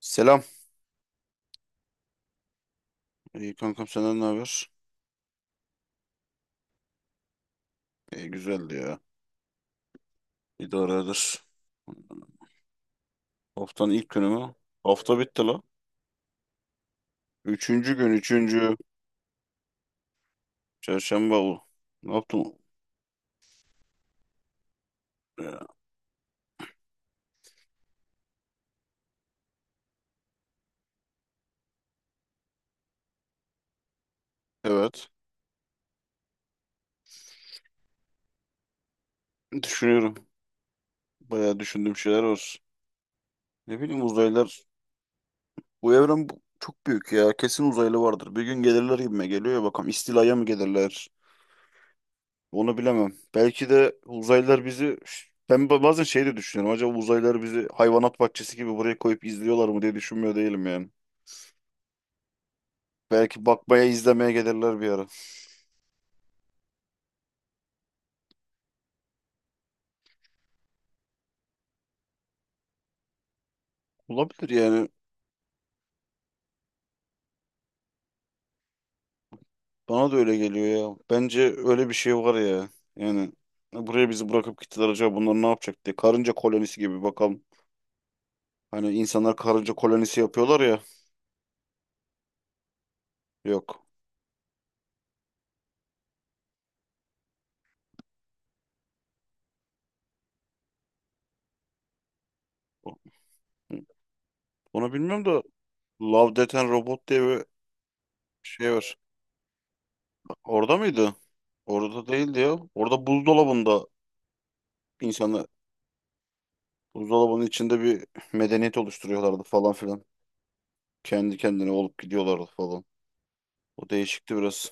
Selam. İyi kankam senden ne haber? İyi güzeldi ya. İdaredir. Haftanın ilk günü mü? Hafta bitti la. Üçüncü gün, üçüncü. Çarşamba o. Ne yaptım? Ya. Evet. Düşünüyorum. Bayağı düşündüğüm şeyler var. Ne bileyim, uzaylılar. Bu evren çok büyük ya. Kesin uzaylı vardır. Bir gün gelirler gibime geliyor ya. Bakalım istilaya mı gelirler? Onu bilemem. Belki de uzaylılar bizi... Ben bazen şey de düşünüyorum. Acaba uzaylılar bizi hayvanat bahçesi gibi buraya koyup izliyorlar mı diye düşünmüyor değilim yani. Belki bakmaya izlemeye gelirler bir ara. Olabilir yani. Bana da öyle geliyor ya. Bence öyle bir şey var ya. Yani buraya bizi bırakıp gittiler acaba bunlar ne yapacak diye. Karınca kolonisi gibi bakalım. Hani insanlar karınca kolonisi yapıyorlar ya. Yok. Onu bilmiyorum da Love, Death and Robot diye bir şey var. Orada mıydı? Orada değildi ya. Orada buzdolabında insanlar buzdolabının içinde bir medeniyet oluşturuyorlardı falan filan. Kendi kendine olup gidiyorlardı falan. O değişikti biraz.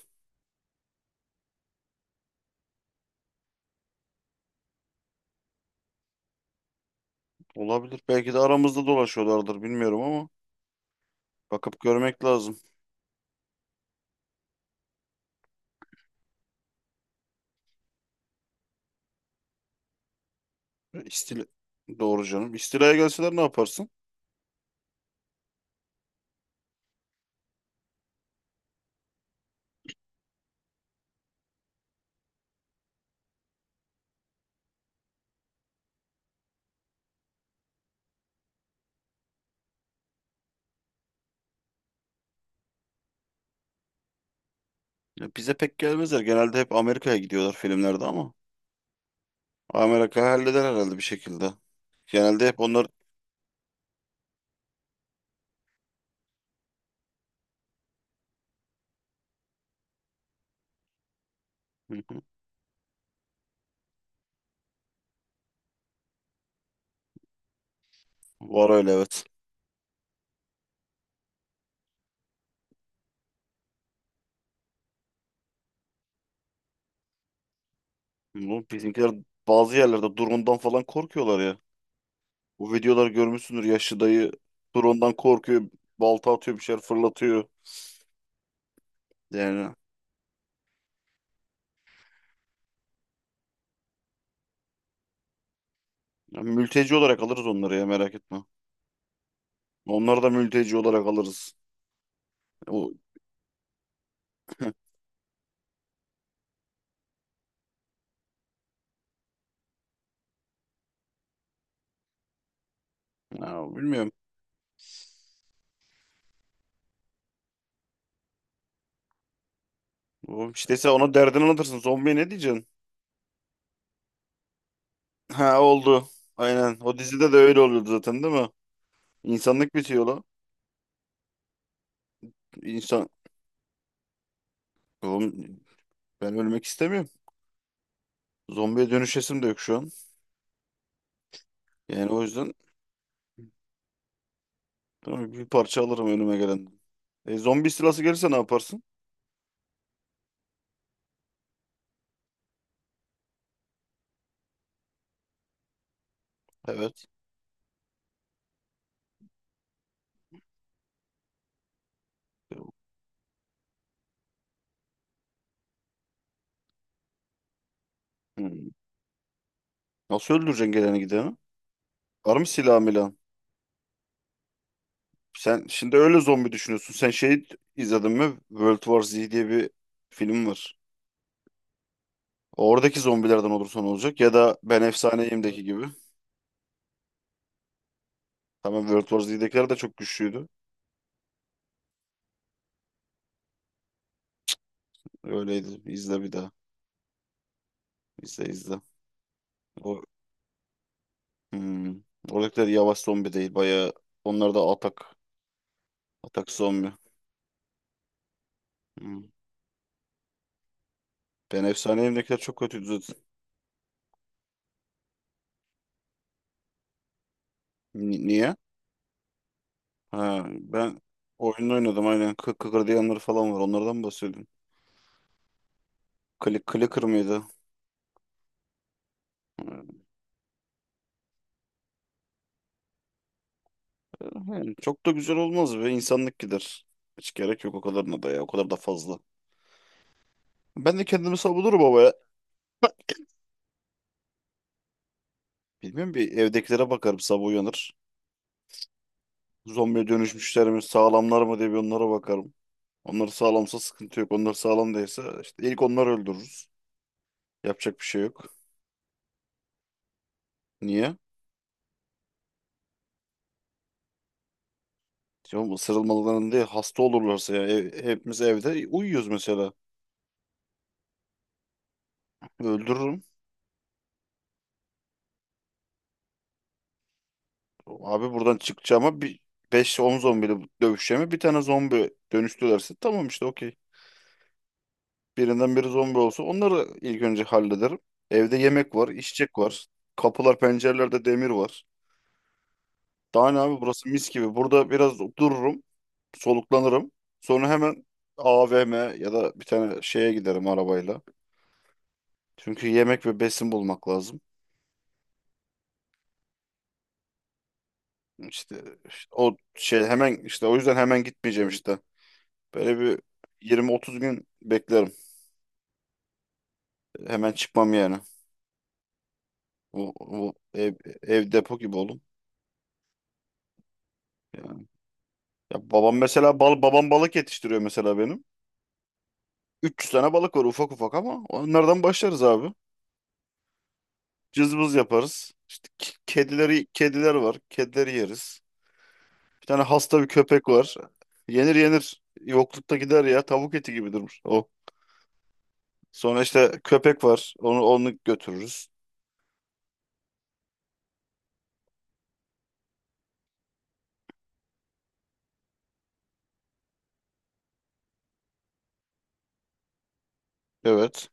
Olabilir. Belki de aramızda dolaşıyorlardır bilmiyorum ama bakıp görmek lazım. İstila doğru canım. İstilaya gelseler ne yaparsın? Ya bize pek gelmezler. Genelde hep Amerika'ya gidiyorlar filmlerde ama Amerika halleder herhalde bir şekilde. Genelde hep onlar. Hı hı. Var öyle evet. Bu bizimkiler bazı yerlerde drone'dan falan korkuyorlar ya. Bu videolar görmüşsündür. Yaşlı dayı drone'dan korkuyor. Balta atıyor, bir şeyler fırlatıyor. Yani ya mülteci olarak alırız onları, ya merak etme. Onları da mülteci olarak alırız. O Ya, bilmiyorum. O, işte sen ona derdini anlatırsın. Zombiye ne diyeceksin? Ha, oldu. Aynen. O dizide de öyle oluyordu zaten, değil mi? İnsanlık bitiyor lan. İnsan... Oğlum, ben ölmek istemiyorum. Zombiye dönüşesim de yok şu an. Yani o yüzden tamam, bir parça alırım önüme gelen. E, zombi istilası gelirse ne yaparsın? Evet. Hmm. Nasıl öldüreceksin geleni gideni? Var mı silah milan? Sen şimdi öyle zombi düşünüyorsun. Sen şey izledin mi? World War Z diye bir film var. Oradaki zombilerden olursa olacak? Ya da Ben Efsaneyim'deki gibi. Tamam, World War Z'dekiler de çok güçlüydü. Öyleydi. İzle bir daha. İzle izle. O, hmm. Oradakiler yavaş zombi değil. Bayağı onlar da atak. Atak zombi. Hmm. Ben Efsaneyim'dekiler çok kötüydü zaten. Niye? Ha, ben oyunda oynadım aynen. Kık kıkır diyenler falan var. Onlardan bahsediyorum. Klik clicker mıydı? Yani çok da güzel olmaz ve insanlık gider. Hiç gerek yok o kadarına da ya. O kadar da fazla. Ben de kendimi savunurum ama ya. Bilmiyorum, bir evdekilere bakarım sabah uyanır. Zombiye dönüşmüşler mi sağlamlar mı diye bir onlara bakarım. Onlar sağlamsa sıkıntı yok. Onlar sağlam değilse işte ilk onları öldürürüz. Yapacak bir şey yok. Niye? Ya bu sarılmalarında değil, hasta olurlarsa ya. Hepimiz evde uyuyoruz mesela. Öldürürüm. Abi buradan çıkacağıma bir 5-10 zombiyle dövüşeceğime, bir tane zombi dönüştürürlerse tamam işte okey. Birinden biri zombi olsa onları ilk önce hallederim. Evde yemek var, içecek var. Kapılar, pencerelerde demir var. Daha ne abi, burası mis gibi. Burada biraz dururum, soluklanırım. Sonra hemen AVM ya da bir tane şeye giderim arabayla. Çünkü yemek ve besin bulmak lazım. İşte o şey hemen işte o yüzden hemen gitmeyeceğim işte. Böyle bir 20-30 gün beklerim. Hemen çıkmam yani. Bu ev depo gibi oğlum. Yani. Ya babam mesela bal, babam balık yetiştiriyor mesela benim. 300 tane balık var ufak ufak, ama onlardan başlarız abi. Cızbız yaparız. İşte kedileri, kediler var. Kedileri yeriz. Bir tane hasta bir köpek var. Yenir yenir. Yoklukta gider ya. Tavuk eti gibi durur o. Sonra işte köpek var. Onu götürürüz. Evet.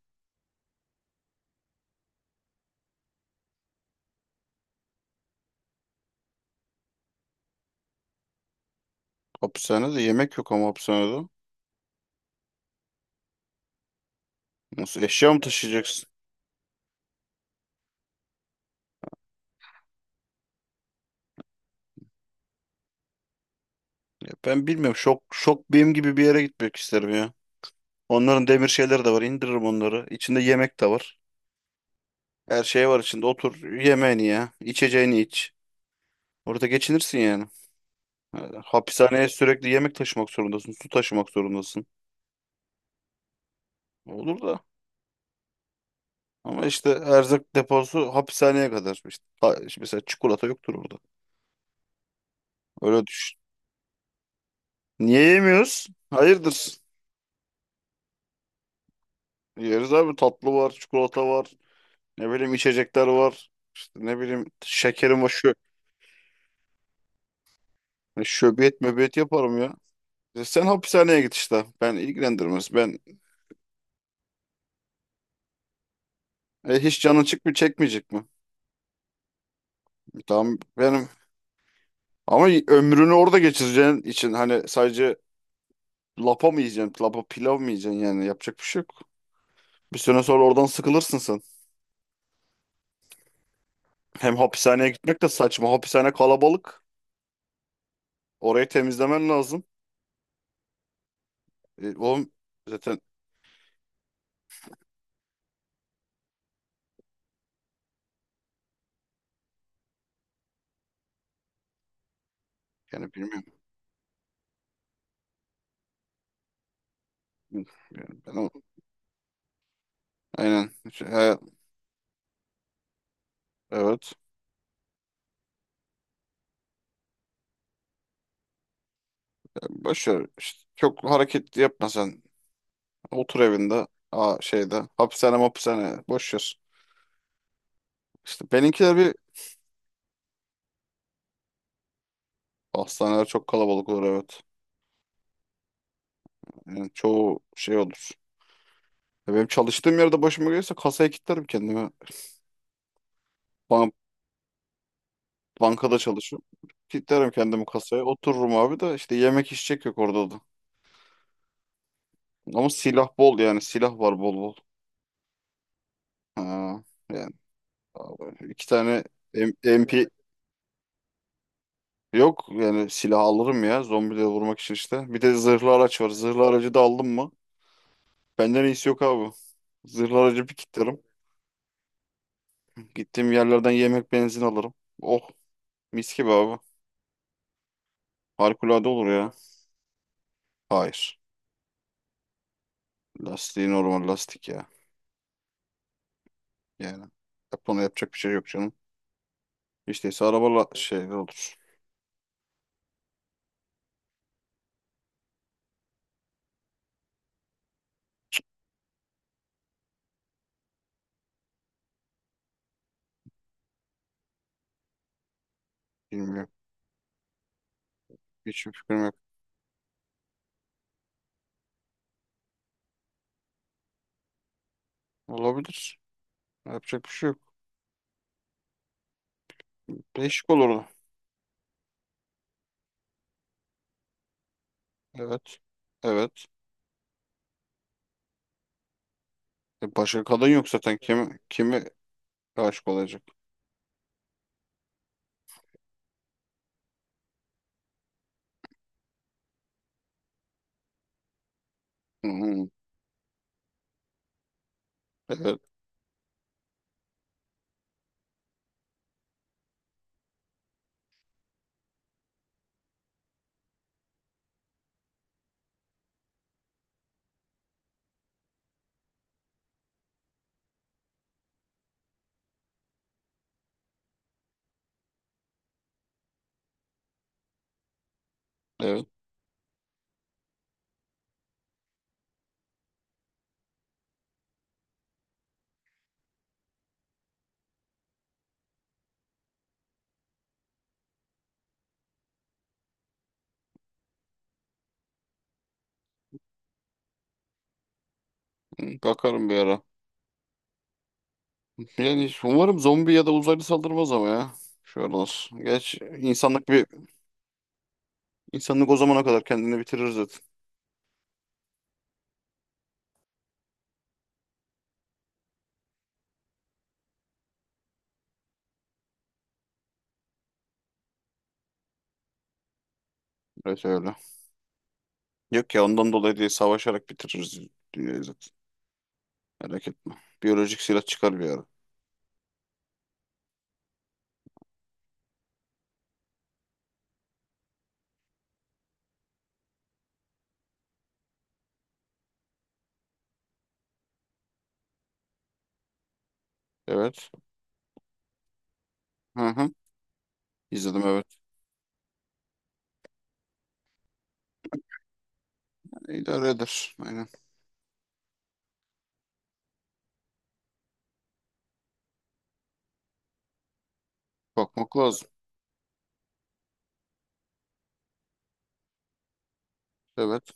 Hapishanede yemek yok ama hapishanede. Nasıl eşya mı taşıyacaksın? Ya ben bilmiyorum. Şok şok benim gibi bir yere gitmek isterim ya. Onların demir şeyleri de var. İndiririm onları. İçinde yemek de var. Her şey var içinde. Otur, yemeğini ya. İçeceğini iç. Orada geçinirsin yani. Yani hapishaneye sürekli yemek taşımak zorundasın, su taşımak zorundasın. Olur da. Ama işte erzak deposu hapishaneye kadar. İşte mesela çikolata yoktur orada. Öyle düşün. Niye yemiyoruz? Hayırdır? Yeriz abi, tatlı var, çikolata var. Ne bileyim içecekler var. İşte ne bileyim şekerim var. Hani şöbiyet möbiyet yaparım ya. E, sen hapishaneye git işte. Ben ilgilendirmez. Ben hiç canın çık mı çekmeyecek mi? E tamam, benim ama ömrünü orada geçireceğin için hani sadece lapa mı yiyeceksin? Lapa pilav mı yiyeceksin yani? Yapacak bir şey yok. Bir süre sonra oradan sıkılırsın sen. Hem hapishaneye gitmek de saçma. Hapishane kalabalık. Orayı temizlemen lazım. E, oğlum zaten yani bilmiyorum. Yani ben aynen. Şey, he, evet. Boş ver. İşte çok hareket yapma sen. Otur evinde. Aa, şeyde. Hapishane hapishane. Boş ver. İşte benimkiler bir hastaneler çok kalabalık olur evet. Yani çoğu şey olur. Ya benim çalıştığım yerde başıma gelirse kasaya kilitlerim kendimi. Bana bankada çalışıyorum. Kilitlerim kendimi kasaya. Otururum abi, de işte yemek içecek yok orada da. Ama silah bol yani. Silah var bol bol. Ha, yani abi, iki tane MP yok. Yani silah alırım ya zombileri vurmak için işte. Bir de zırhlı araç var. Zırhlı aracı da aldım mı? Benden iyisi yok abi. Zırhlı aracı bir kilitlerim. Gittiğim yerlerden yemek benzin alırım. Oh, mis gibi abi. Harikulade olur ya. Hayır. Lastiği normal lastik ya. Yani ona yapacak bir şey yok canım. İşte ise arabalı şeyler olur. Bilmiyorum. Hiçbir fikrim yok. Olabilir. Yapacak bir şey yok. Değişik olurdu. Evet. Evet. E başka kadın yok zaten. Kimi aşık olacak? Hı hı. Evet. Evet. Hı. Bakarım bir ara. Yani umarım zombi ya da uzaylı saldırmaz ama ya. Şu aralar. Geç insanlık bir, insanlık o zamana kadar kendini bitirir zaten. Evet öyle. Yok ya, ondan dolayı değil, savaşarak bitiririz dünyayı zaten. Merak etme. Biyolojik silah çıkar bir ara. Evet. Hı hı. İzledim evet. İdare eder. Aynen. Bakmak lazım. Evet.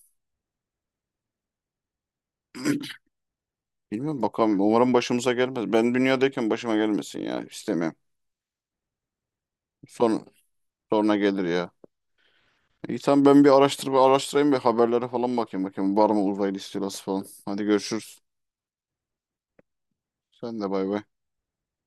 Bilmiyorum, bakalım. Umarım başımıza gelmez. Ben dünyadayken başıma gelmesin ya. İstemiyorum. Son, sonra gelir ya. İyi tamam, ben bir araştırayım, bir haberlere falan bakayım bakayım. Var mı uzaylı istilası falan. Hadi görüşürüz. Sen de bay bay.